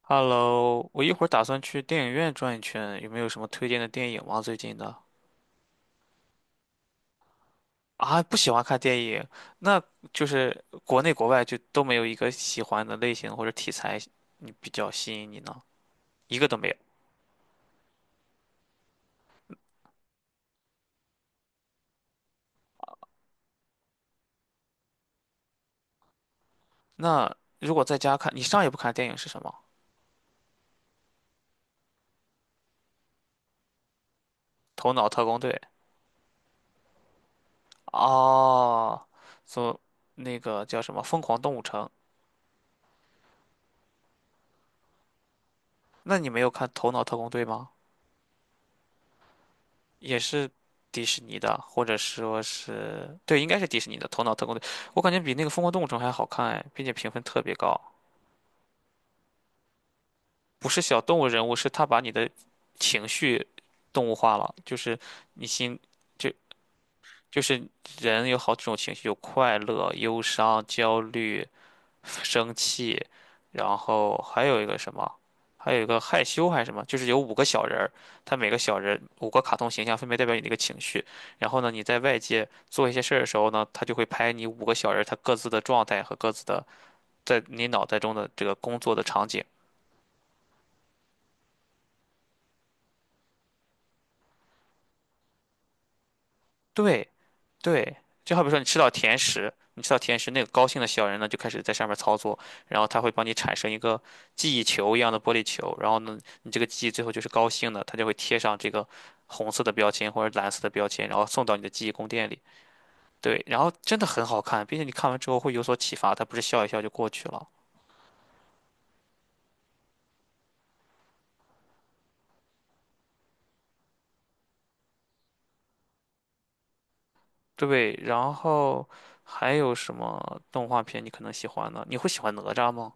Hello，我一会儿打算去电影院转一圈，有没有什么推荐的电影吗？最近的。啊，不喜欢看电影，那就是国内国外就都没有一个喜欢的类型或者题材，你比较吸引你呢？一个都没有。那如果在家看，你上一部看的电影是什么？《头脑特工队》。哦，所那个叫什么《疯狂动物城》？那你没有看《头脑特工队》吗？也是迪士尼的，或者说是，对，应该是迪士尼的《头脑特工队》，我感觉比那个《疯狂动物城》还好看哎，并且评分特别高。不是小动物人物，是他把你的情绪动物化了，就是你心，就就是人有好几种情绪，有快乐、忧伤、焦虑，生气，然后还有一个什么，还有一个害羞还是什么，就是有五个小人儿，他每个小人五个卡通形象分别代表你的一个情绪。然后呢，你在外界做一些事儿的时候呢，他就会拍你五个小人儿他各自的状态和各自的在你脑袋中的这个工作的场景。对，对，就好比说你吃到甜食，你吃到甜食，那个高兴的小人呢就开始在上面操作，然后他会帮你产生一个记忆球一样的玻璃球，然后呢，你这个记忆最后就是高兴的，它就会贴上这个红色的标签或者蓝色的标签，然后送到你的记忆宫殿里。对，然后真的很好看，并且你看完之后会有所启发，它不是笑一笑就过去了。对，然后还有什么动画片你可能喜欢呢？你会喜欢哪吒吗？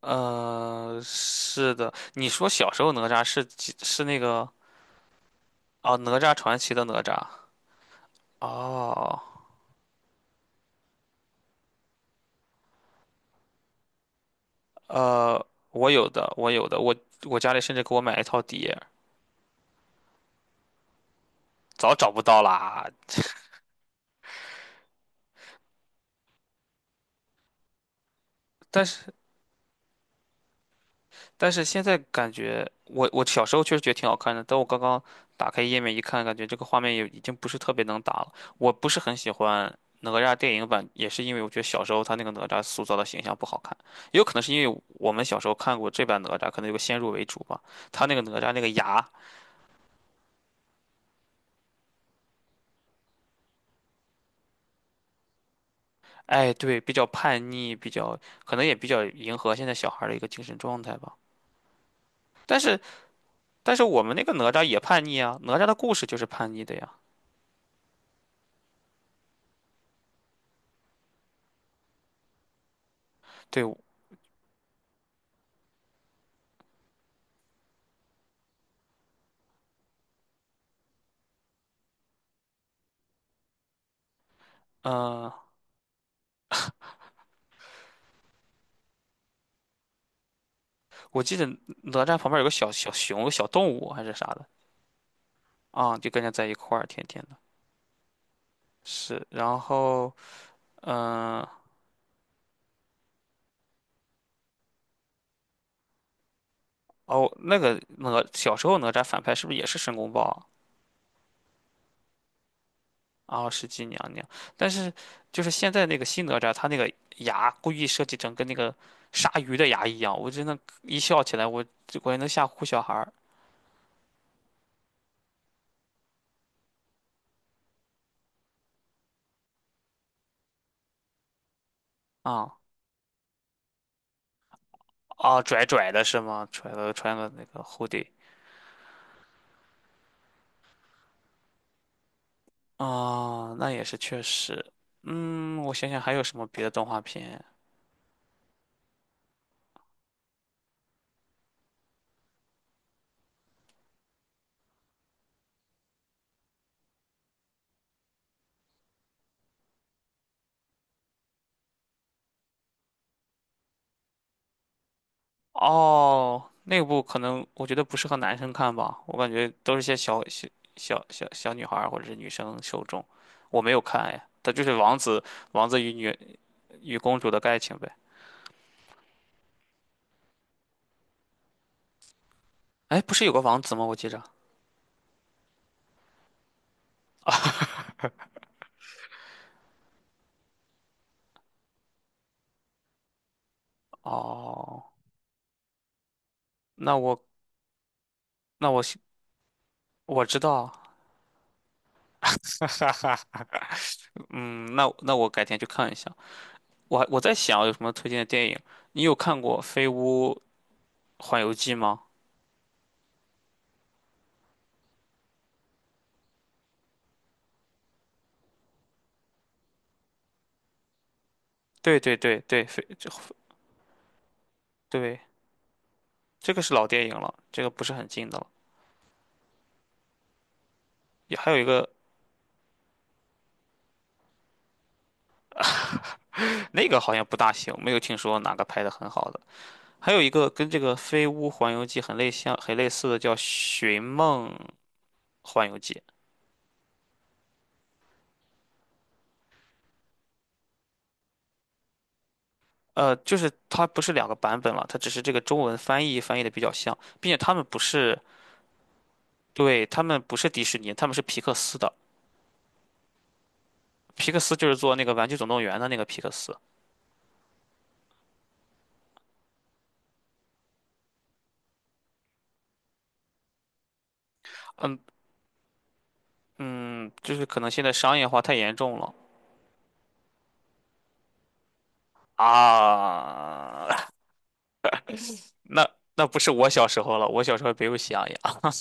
是的，你说小时候哪吒是那个。哦，哪吒传奇的哪吒。哦，呃，我有的，我有的，我家里甚至给我买了一套碟，早找不到啦。但是但是现在感觉，我小时候确实觉得挺好看的，但我刚刚打开页面一看，感觉这个画面也已经不是特别能打了。我不是很喜欢哪吒电影版，也是因为我觉得小时候他那个哪吒塑造的形象不好看，也有可能是因为我们小时候看过这版哪吒，可能有个先入为主吧。他那个哪吒那个牙。哎，对，比较叛逆，比较可能也比较迎合现在小孩儿的一个精神状态吧。但是，但是我们那个哪吒也叛逆啊，哪吒的故事就是叛逆的呀。对。嗯，我记得哪吒旁边有个小小熊、小动物还是啥的。啊，就跟着在一块儿，天天的。是，然后，嗯、哦，那个哪小时候哪吒反派是不是也是申公豹啊？哦，石矶娘娘，但是就是现在那个新哪吒，他那个牙故意设计成跟那个鲨鱼的牙一样，我真的，一笑起来，我这果然能吓唬小孩儿。啊，啊，拽拽的是吗？拽了穿个那个 hoodie。 啊，那也是确实，嗯，我想想还有什么别的动画片。哦，那部可能我觉得不适合男生看吧，我感觉都是些小女孩儿或者是女生受众，我没有看哎，它就是王子与公主的爱情呗。哎，不是有个王子吗？我记着。哦，那我那我我知道，嗯，那我改天去看一下。我在想有什么推荐的电影？你有看过《飞屋环游记》吗？对，飞对这个是老电影了，这个不是很近的了。也还有一个。那个好像不大行，没有听说哪个拍的很好的。还有一个跟这个《飞屋环游记》很类像、很类似的叫《寻梦环游记》。呃，就是它不是两个版本了，它只是这个中文翻译的比较像，并且他们不是，对，他们不是迪士尼，他们是皮克斯的。皮克斯就是做那个《玩具总动员》的那个皮克斯。嗯嗯，就是可能现在商业化太严重了。啊，那那不是我小时候了，我小时候没有喜羊羊。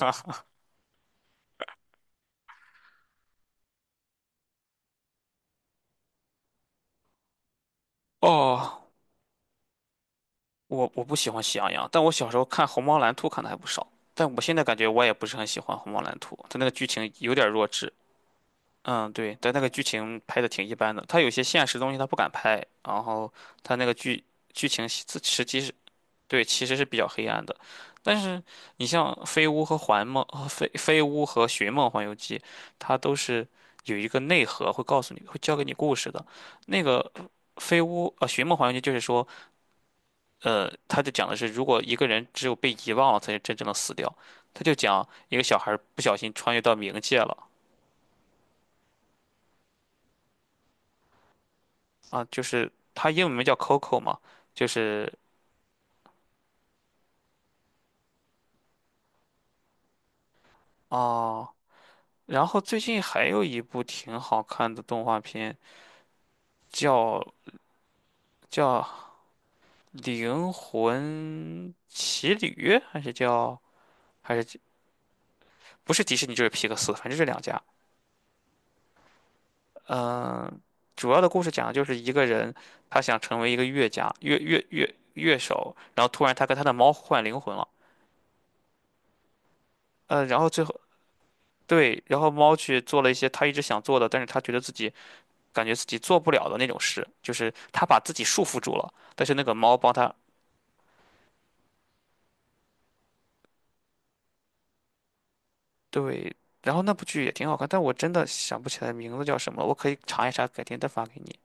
哦，我不喜欢喜羊羊，但我小时候看《虹猫蓝兔》看的还不少，但我现在感觉我也不是很喜欢《虹猫蓝兔》，它那个剧情有点弱智。嗯，对，但那个剧情拍的挺一般的，他有些现实东西他不敢拍，然后他那个剧情其实际是，对，其实是比较黑暗的。但是你像《飞屋》和《环梦》和《飞飞屋》和《寻梦环游记》，它都是有一个内核，会告诉你，会教给你故事的。那个《飞屋》《寻梦环游记》就是说，呃，他就讲的是，如果一个人只有被遗忘了，才是真正的死掉。他就讲一个小孩儿不小心穿越到冥界了。啊，就是它英文名叫 Coco 嘛，就是。啊，然后最近还有一部挺好看的动画片，叫叫《灵魂奇旅》，还是叫还是不是迪士尼就是皮克斯，反正这两家。嗯、主要的故事讲的就是一个人，他想成为一个乐家乐乐乐乐手，然后突然他跟他的猫换灵魂了。呃，然后最后对，然后猫去做了一些他一直想做的，但是他觉得自己。感觉自己做不了的那种事，就是他把自己束缚住了，但是那个猫帮他，对，然后那部剧也挺好看，但我真的想不起来名字叫什么了，我可以查一查，改天再发给你。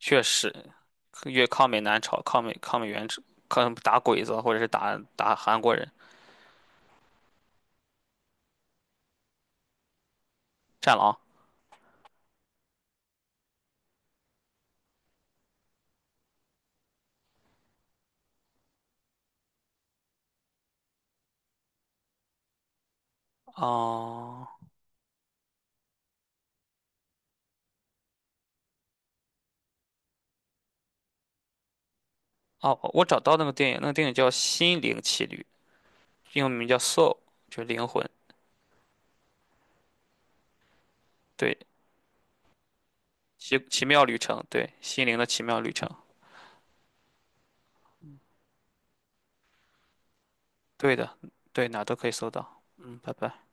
确实，越抗美援朝，抗美援朝，抗打鬼子或者是打韩国人，战狼。哦。哦，我找到那个电影，那个电影叫《心灵奇旅》，英文名叫《Soul》，就是灵魂。对，奇妙旅程，对，心灵的奇妙旅程。对的，对，哪都可以搜到。嗯，拜拜。